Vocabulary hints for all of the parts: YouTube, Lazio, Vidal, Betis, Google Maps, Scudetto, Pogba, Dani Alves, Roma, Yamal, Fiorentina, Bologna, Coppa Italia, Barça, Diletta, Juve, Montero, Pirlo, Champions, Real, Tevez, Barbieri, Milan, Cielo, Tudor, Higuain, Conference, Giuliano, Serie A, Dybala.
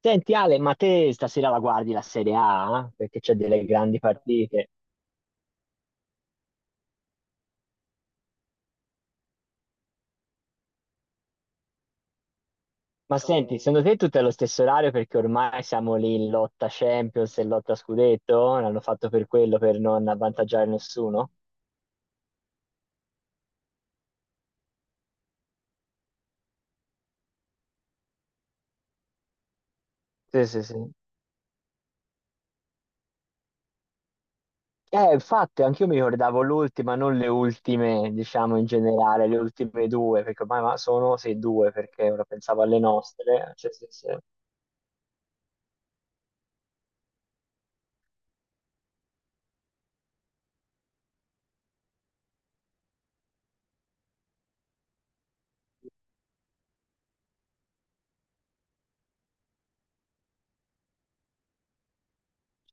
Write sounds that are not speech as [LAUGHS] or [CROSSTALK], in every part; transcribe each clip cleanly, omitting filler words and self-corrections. Senti Ale, ma te stasera la guardi la Serie A? Eh? Perché c'è delle grandi partite. Ma senti, secondo te tutto è lo stesso orario perché ormai siamo lì in lotta Champions e lotta Scudetto? L'hanno fatto per quello, per non avvantaggiare nessuno? Sì, sì, sì. Infatti, anch'io mi ricordavo l'ultima, non le ultime, diciamo in generale, le ultime due, perché ormai sono sì due, perché ora pensavo alle nostre. Sì, sì, sì.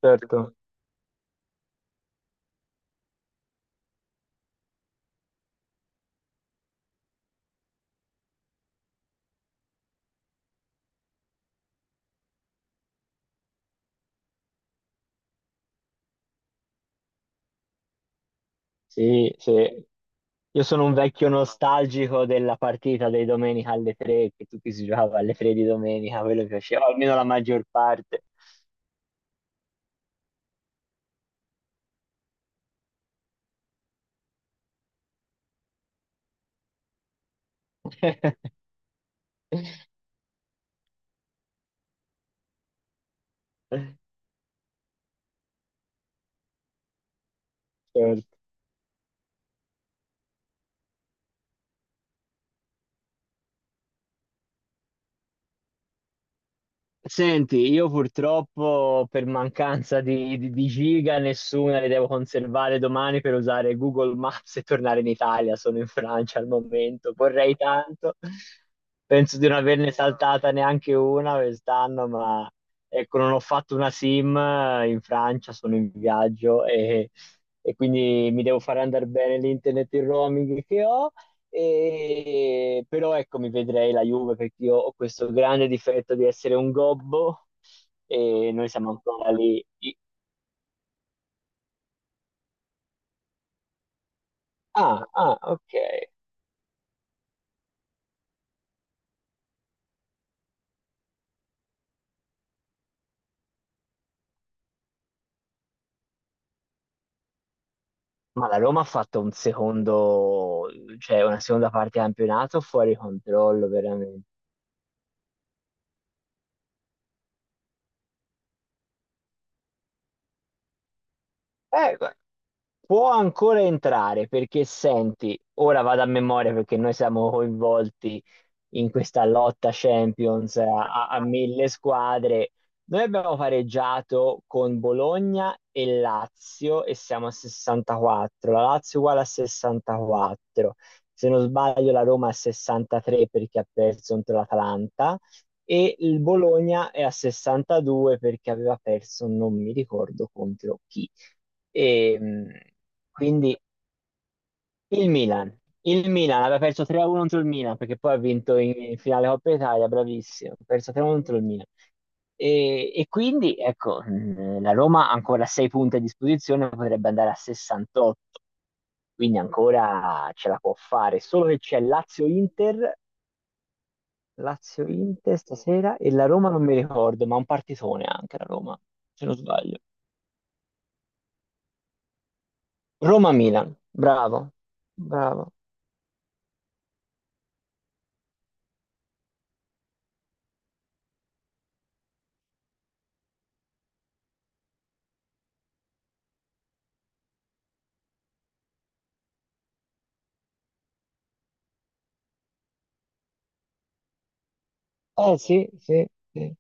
Certo, sì, sì. Io sono un vecchio nostalgico della partita dei domenica alle tre, che tutti si giocava alle tre di domenica, quello che piaceva, almeno la maggior parte. [LAUGHS] Certo. Senti, io purtroppo per mancanza di giga nessuna le devo conservare domani per usare Google Maps e tornare in Italia. Sono in Francia al momento, vorrei tanto. Penso di non averne saltata neanche una quest'anno, ma ecco, non ho fatto una SIM in Francia, sono in viaggio e, quindi mi devo fare andare bene l'internet e il roaming che ho. Però ecco, mi vedrei la Juve perché io ho questo grande difetto di essere un gobbo e noi siamo ancora lì. Ah, ah, ok. Ma la Roma ha fatto un secondo, cioè una seconda parte di campionato fuori controllo, veramente. Eh, Può ancora entrare perché senti, ora vado a memoria perché noi siamo coinvolti in questa lotta Champions a mille squadre. Noi abbiamo pareggiato con Bologna e Lazio e siamo a 64. La Lazio è uguale a 64. Se non sbaglio, la Roma è a 63 perché ha perso contro l'Atalanta e il Bologna è a 62 perché aveva perso, non mi ricordo contro chi. E, quindi il Milan. Il Milan aveva perso 3-1 contro il Milan perché poi ha vinto in finale Coppa Italia, bravissimo. Ha perso 3-1 contro il Milan. E quindi, ecco, la Roma ha ancora 6 punti a disposizione, potrebbe andare a 68, quindi ancora ce la può fare. Solo che c'è Lazio-Inter, Lazio-Inter stasera e la Roma non mi ricordo, ma un partitone anche la Roma, se non sbaglio. Roma-Milan, bravo, bravo. Eh sì, sì, sì.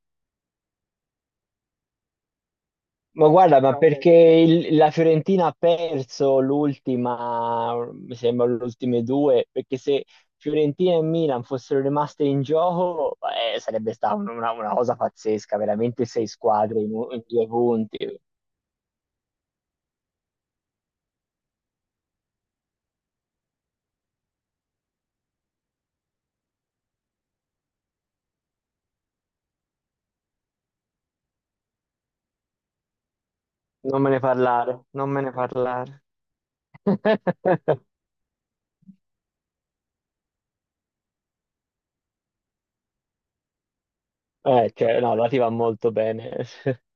Ma guarda, ma diciamo che perché la Fiorentina ha perso l'ultima, mi sembra le ultime due, perché se Fiorentina e Milan fossero rimaste in gioco, sarebbe stata una cosa pazzesca, veramente sei squadre in due punti. Non me ne parlare, non me ne parlare. [LAUGHS] Cioè, no, la ti va molto bene. [LAUGHS]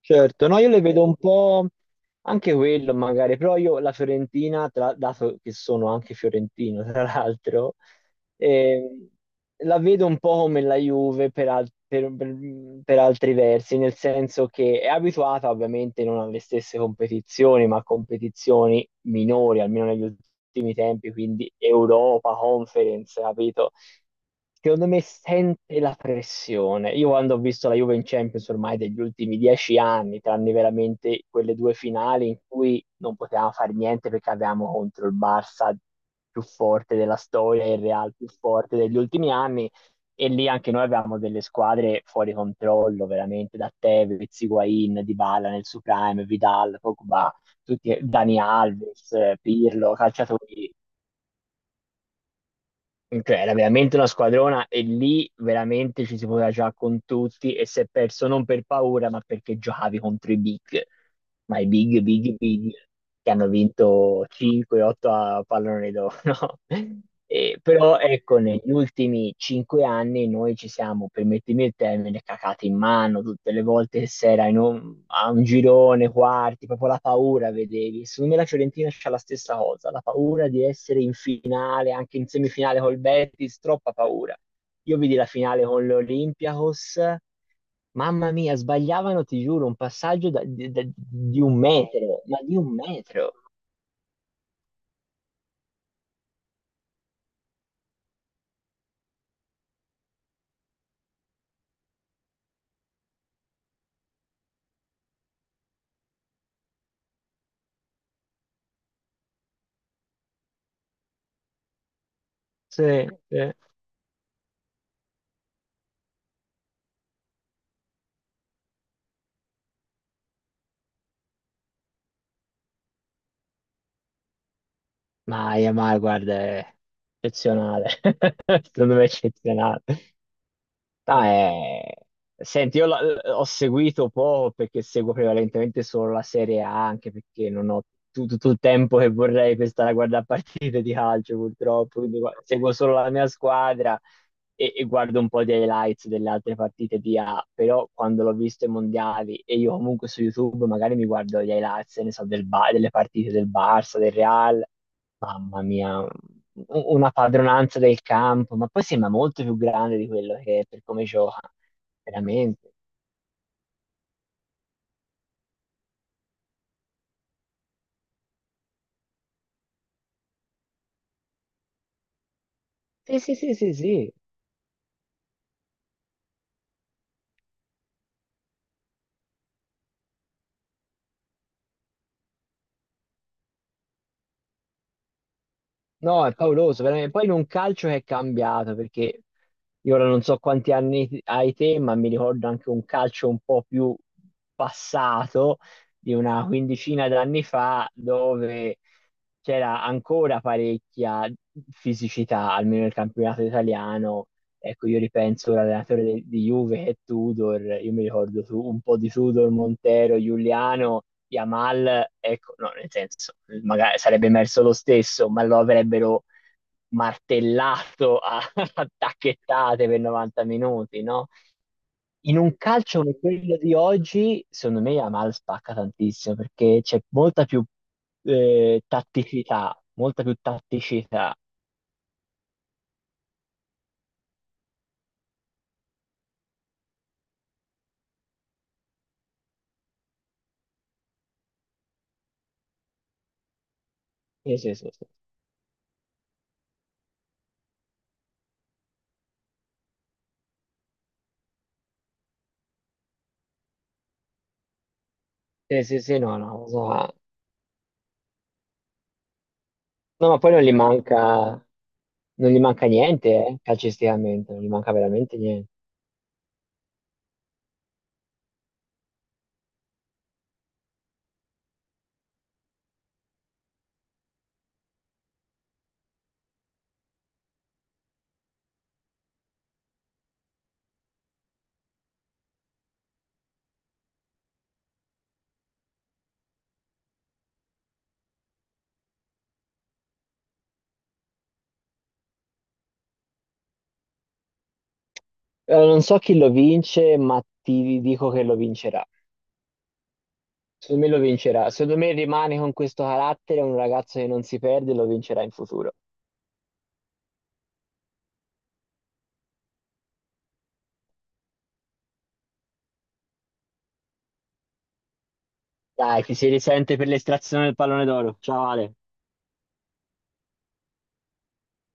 Certo, no, io le vedo un po' anche quello magari, però io la Fiorentina, dato che sono anche fiorentino, tra l'altro, ehm, la vedo un po' come la Juve per, al- per altri versi, nel senso che è abituata ovviamente non alle stesse competizioni, ma a competizioni minori, almeno negli ultimi tempi, quindi Europa, Conference, capito? Secondo me sente la pressione. Io quando ho visto la Juve in Champions ormai degli ultimi 10 anni, tranne veramente quelle due finali in cui non potevamo fare niente perché avevamo contro il Barça più forte della storia e il Real più forte degli ultimi anni, e lì anche noi avevamo delle squadre fuori controllo, veramente, da Tevez, Higuain, Dybala nel suo prime, Vidal, Pogba, tutti, Dani Alves, Pirlo, calciatori cioè, era veramente una squadrona e lì veramente ci si poteva giocare con tutti e si è perso non per paura, ma perché giocavi contro i big, ma i big, big, big, che hanno vinto 5-8 a pallone d'oro. [LAUGHS] No? E, però ecco, negli ultimi 5 anni e noi ci siamo, permettimi il termine, cacate in mano tutte le volte che si era in un, a un girone, quarti, proprio la paura, vedevi. Secondo me la Fiorentina c'ha la stessa cosa, la paura di essere in finale, anche in semifinale col Betis, troppa paura. Io vidi la finale con l'Olympiacos, mamma mia, sbagliavano, ti giuro, un passaggio di un metro, ma di un metro. Sì, sì. Ma guarda, è eccezionale, [LAUGHS] secondo me è eccezionale. Ah, senti, io ho seguito poco perché seguo prevalentemente solo la Serie A, anche perché non ho tutto il tempo che vorrei per stare a guardare [LAUGHS] partite di calcio, purtroppo. Quindi seguo solo la mia squadra e guardo un po' di highlights delle altre partite di A. Però quando l'ho visto ai mondiali e io comunque su YouTube magari mi guardo gli highlights, ne so, del delle partite del Barça, del Real. Mamma mia, una padronanza del campo, ma poi sembra molto più grande di quello che è per come gioca, veramente. Sì, sì, sì, sì, sì. No, è pauroso, veramente. Poi in un calcio che è cambiato, perché io ora non so quanti anni hai te, ma mi ricordo anche un calcio un po' più passato, di una quindicina d'anni fa, dove c'era ancora parecchia fisicità, almeno nel campionato italiano. Ecco, io ripenso all'allenatore di Juve che è Tudor, io mi ricordo un po' di Tudor, Montero, Giuliano, Yamal, ecco, no, nel senso, magari sarebbe emerso lo stesso, ma lo avrebbero martellato a, [LAUGHS] a tacchettate per 90 minuti, no? In un calcio come quello di oggi, secondo me Yamal spacca tantissimo perché c'è molta più tatticità, molta più tatticità. Sì, sì, sì, sì. Sì, sì, sì, no, no, no, ma poi non gli manca, non gli manca niente, calcisticamente, non gli manca veramente niente. Non so chi lo vince, ma ti dico che lo vincerà. Secondo me lo vincerà. Secondo me rimane con questo carattere, è un ragazzo che non si perde e lo vincerà in futuro. Dai, ti si risente per l'estrazione del pallone d'oro. Ciao Ale.